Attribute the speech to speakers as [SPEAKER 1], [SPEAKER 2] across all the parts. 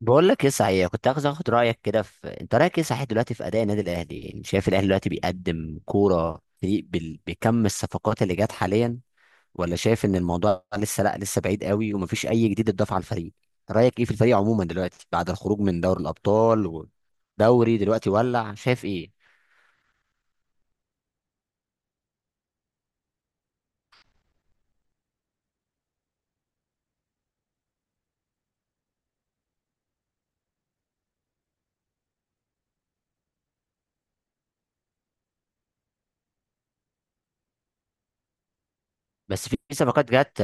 [SPEAKER 1] بقول لك ايه صحيح، كنت عايز اخد رايك كده انت رايك ايه صحيح دلوقتي في اداء النادي الاهلي؟ يعني شايف الاهلي دلوقتي بيقدم كوره فريق بكم الصفقات اللي جت حاليا، ولا شايف ان الموضوع لسه، لا، لسه بعيد قوي ومفيش اي جديد اتضاف على الفريق؟ رايك ايه في الفريق عموما دلوقتي بعد الخروج من دوري الابطال ودوري دلوقتي ولع؟ شايف ايه؟ بس في صفقات جت.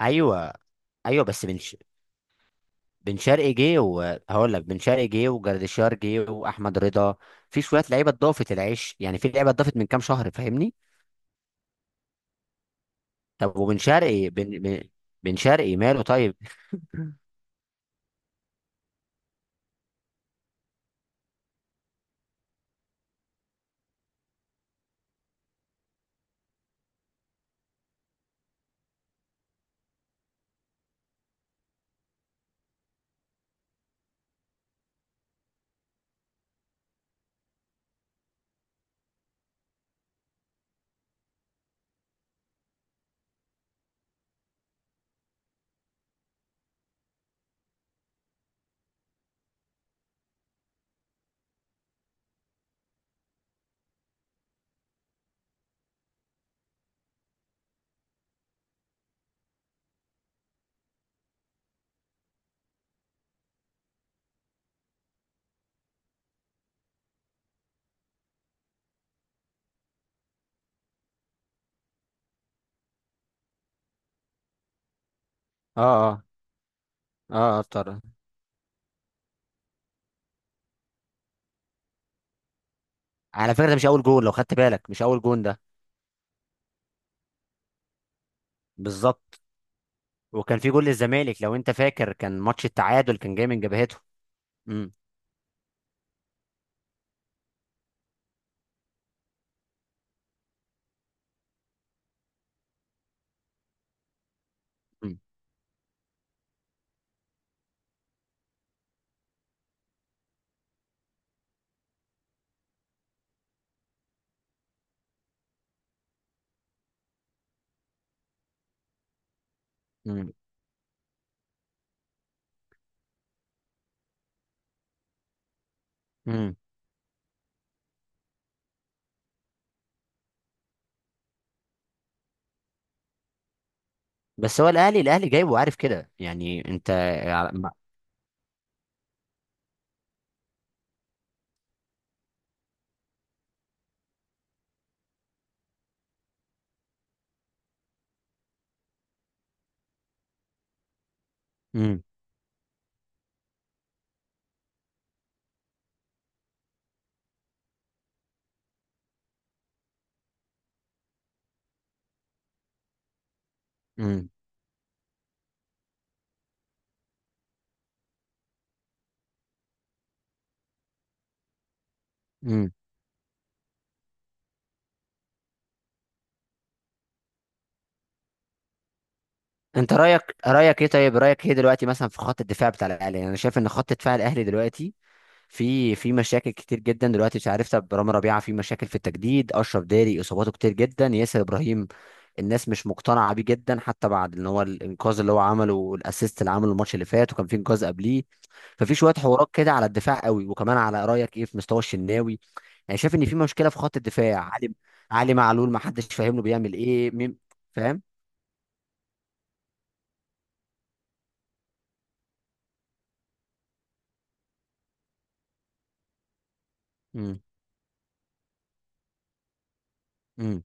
[SPEAKER 1] ايوه. ايوه بس بن شرقي جه، وهقول لك بن شرقي جه وجردشار جه واحمد رضا. في شويه لعيبه اتضافت، العيش يعني، في لعيبه اتضافت من كام شهر، فاهمني؟ طب وبن شرقي بن بن بن شرقي ماله طيب؟ اه، اه، اه، اه، على فكره ده مش اول جول، لو خدت بالك مش اول جون ده. بالظبط. وكان في جول للزمالك، لو انت فاكر، كان ماتش التعادل كان جاي من جبهته. امم. امم. امم. أمم. بس هو الاهلي جايبه وعارف كده يعني انت. امم. امم. انت رايك ايه دلوقتي مثلا في خط الدفاع بتاع الاهلي؟ يعني انا شايف ان خط دفاع الاهلي دلوقتي في مشاكل كتير جدا دلوقتي، مش عارف. طب رامي ربيعه في مشاكل في التجديد، اشرف داري اصاباته كتير جدا، ياسر ابراهيم الناس مش مقتنعه بيه جدا حتى بعد ان هو الانقاذ اللي هو عمله والاسيست اللي عمله الماتش اللي فات وكان في انقاذ قبليه. ففي شويه حوارات كده على الدفاع قوي، وكمان على رايك ايه في مستوى الشناوي؟ يعني شايف ان في مشكله في خط الدفاع، علي معلول ما حدش فاهم له بيعمل ايه مين فاهم. امم. امم.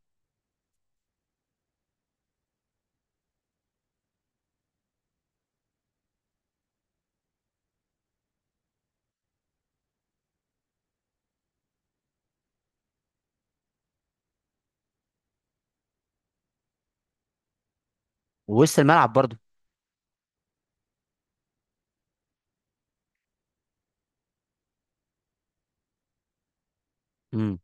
[SPEAKER 1] ووسط الملعب برضه. امم.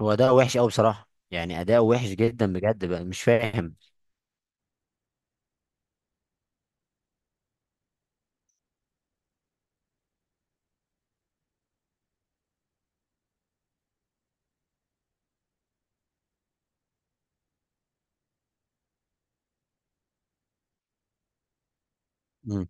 [SPEAKER 1] هو اداؤه وحش قوي بصراحه، يعني اداؤه وحش جدا بجد، بقى مش فاهم. امم.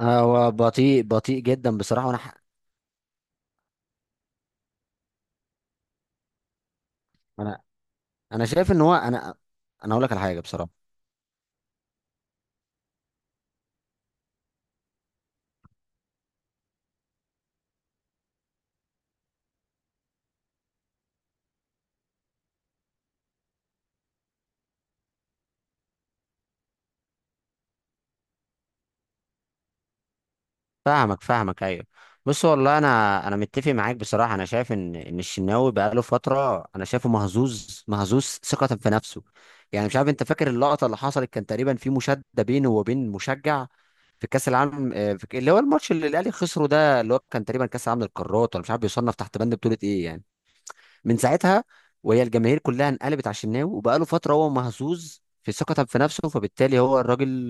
[SPEAKER 1] هو بطيء بطيء جدا بصراحه، وانا ح- انا انا شايف ان هو، انا اقول لك على حاجه بصراحه. فاهمك، فاهمك، ايوه. بص، والله انا متفق معاك بصراحه. انا شايف ان الشناوي بقاله فتره، انا شايفه مهزوز، مهزوز ثقه في نفسه. يعني مش عارف انت فاكر اللقطه اللي حصلت، كان تقريبا في مشاده بينه وبين مشجع في كاس العالم، آه، اللي هو الماتش اللي الاهلي خسره ده، اللي هو كان تقريبا كاس العالم للقارات ولا مش عارف بيصنف تحت بند بطوله ايه يعني. من ساعتها وهي الجماهير كلها انقلبت على الشناوي، وبقاله فتره هو مهزوز في ثقته في نفسه. فبالتالي هو الراجل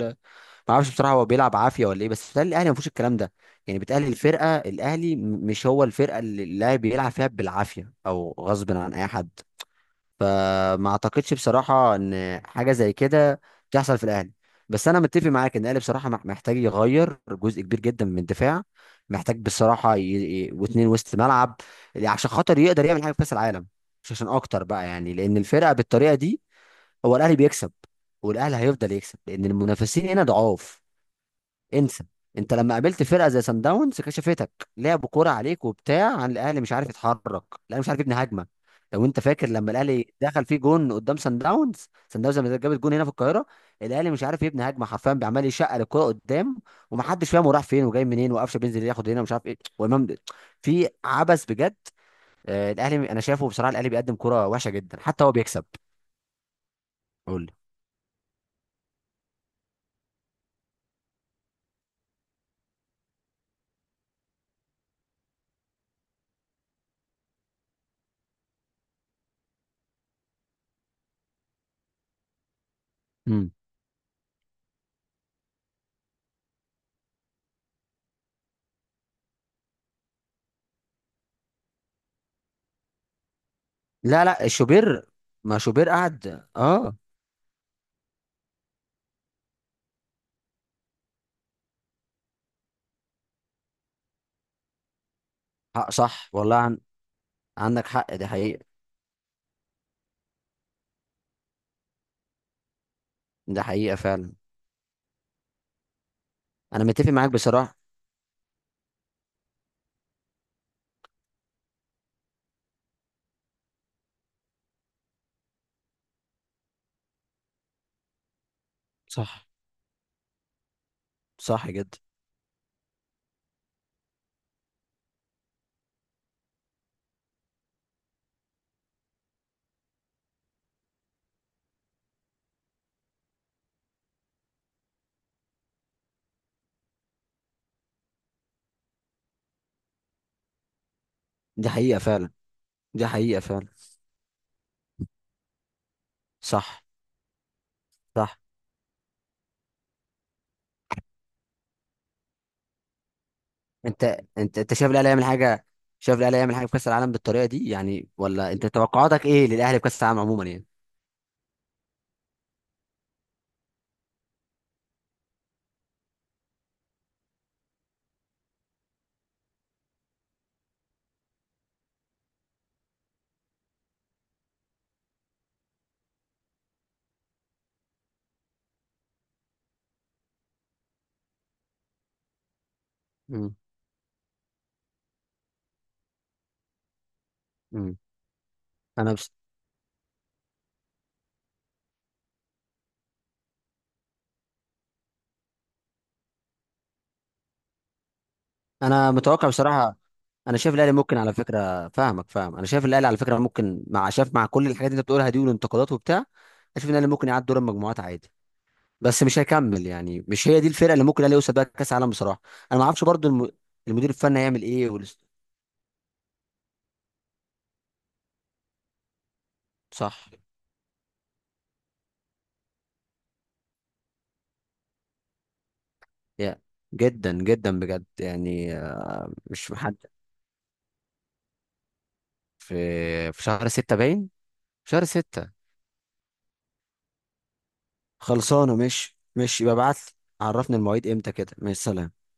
[SPEAKER 1] ما اعرفش بصراحه، هو بيلعب عافيه ولا ايه؟ بس بيتهيألي الاهلي ما فيهوش الكلام ده. يعني بيتهيألي الفرقه الاهلي، مش هو الفرقه اللي اللاعب بيلعب فيها بالعافيه او غصب عن اي حد. فما اعتقدش بصراحة ان حاجة زي كده تحصل في الاهلي. بس انا متفق معاك ان الاهلي بصراحة محتاج يغير جزء كبير جدا من الدفاع. محتاج بصراحة واتنين وسط ملعب، يعني عشان خاطر يقدر يعمل حاجة في كأس العالم. مش عشان اكتر بقى، يعني لان الفرقة بالطريقة دي هو الاهلي بيكسب، والاهلي هيفضل يكسب لان المنافسين هنا ضعاف. انسى. انت لما قابلت فرقه زي سان داونز كشفتك، لعبوا كوره عليك وبتاع، عن الاهلي مش عارف يتحرك، الاهلي مش عارف يبني هجمه. لو انت فاكر لما الاهلي دخل فيه جون قدام سان داونز، سان داونز لما جابت جون هنا في القاهره، الاهلي مش عارف يبني هجمه حرفيا، بيعمل يشقى الكوره قدام، ومحدش فاهم هو راح فين وجاي منين، وقفشه بينزل ياخد هنا مش عارف ايه، وامام في عبث بجد. آه، الاهلي انا شايفه بصراحه الاهلي بيقدم كوره وحشه جدا حتى هو بيكسب. قول لي. مم. لا، لا، شوبير. ما شوبير قعد، اه. آه، صح والله. عندك حق، دي حقيقة. دي حقيقة فعلا. أنا متفق معاك بصراحة. صح. صح جدا. دي حقيقة فعلا. دي حقيقة فعلا. صح. صح. أنت أنت شايف الأهلي يعمل حاجة في كأس العالم بالطريقة دي يعني؟ ولا أنت توقعاتك إيه للأهلي في كأس العالم عموما يعني؟ امم. امم. أنا بس أنا متوقع بصراحة، أنا شايف الأهلي ممكن على فكرة. فاهم. أنا شايف الأهلي على فكرة ممكن، مع شايف مع كل الحاجات اللي أنت بتقولها دي والانتقادات وبتاع، أشوف إن الأهلي ممكن يعدي دور المجموعات عادي. بس مش هيكمل، يعني مش هي دي الفرقه اللي ممكن الاهلي يوصل بيها كاس العالم بصراحه. انا ما اعرفش برضو المدير الفني هيعمل ايه صح. يا جدا جدا بجد يعني، آه، مش محد. في في شهر ستة باين، شهر ستة. خلصانه. مش يبقى ابعت لي عرفني المواعيد امتى كده، مع السلامه.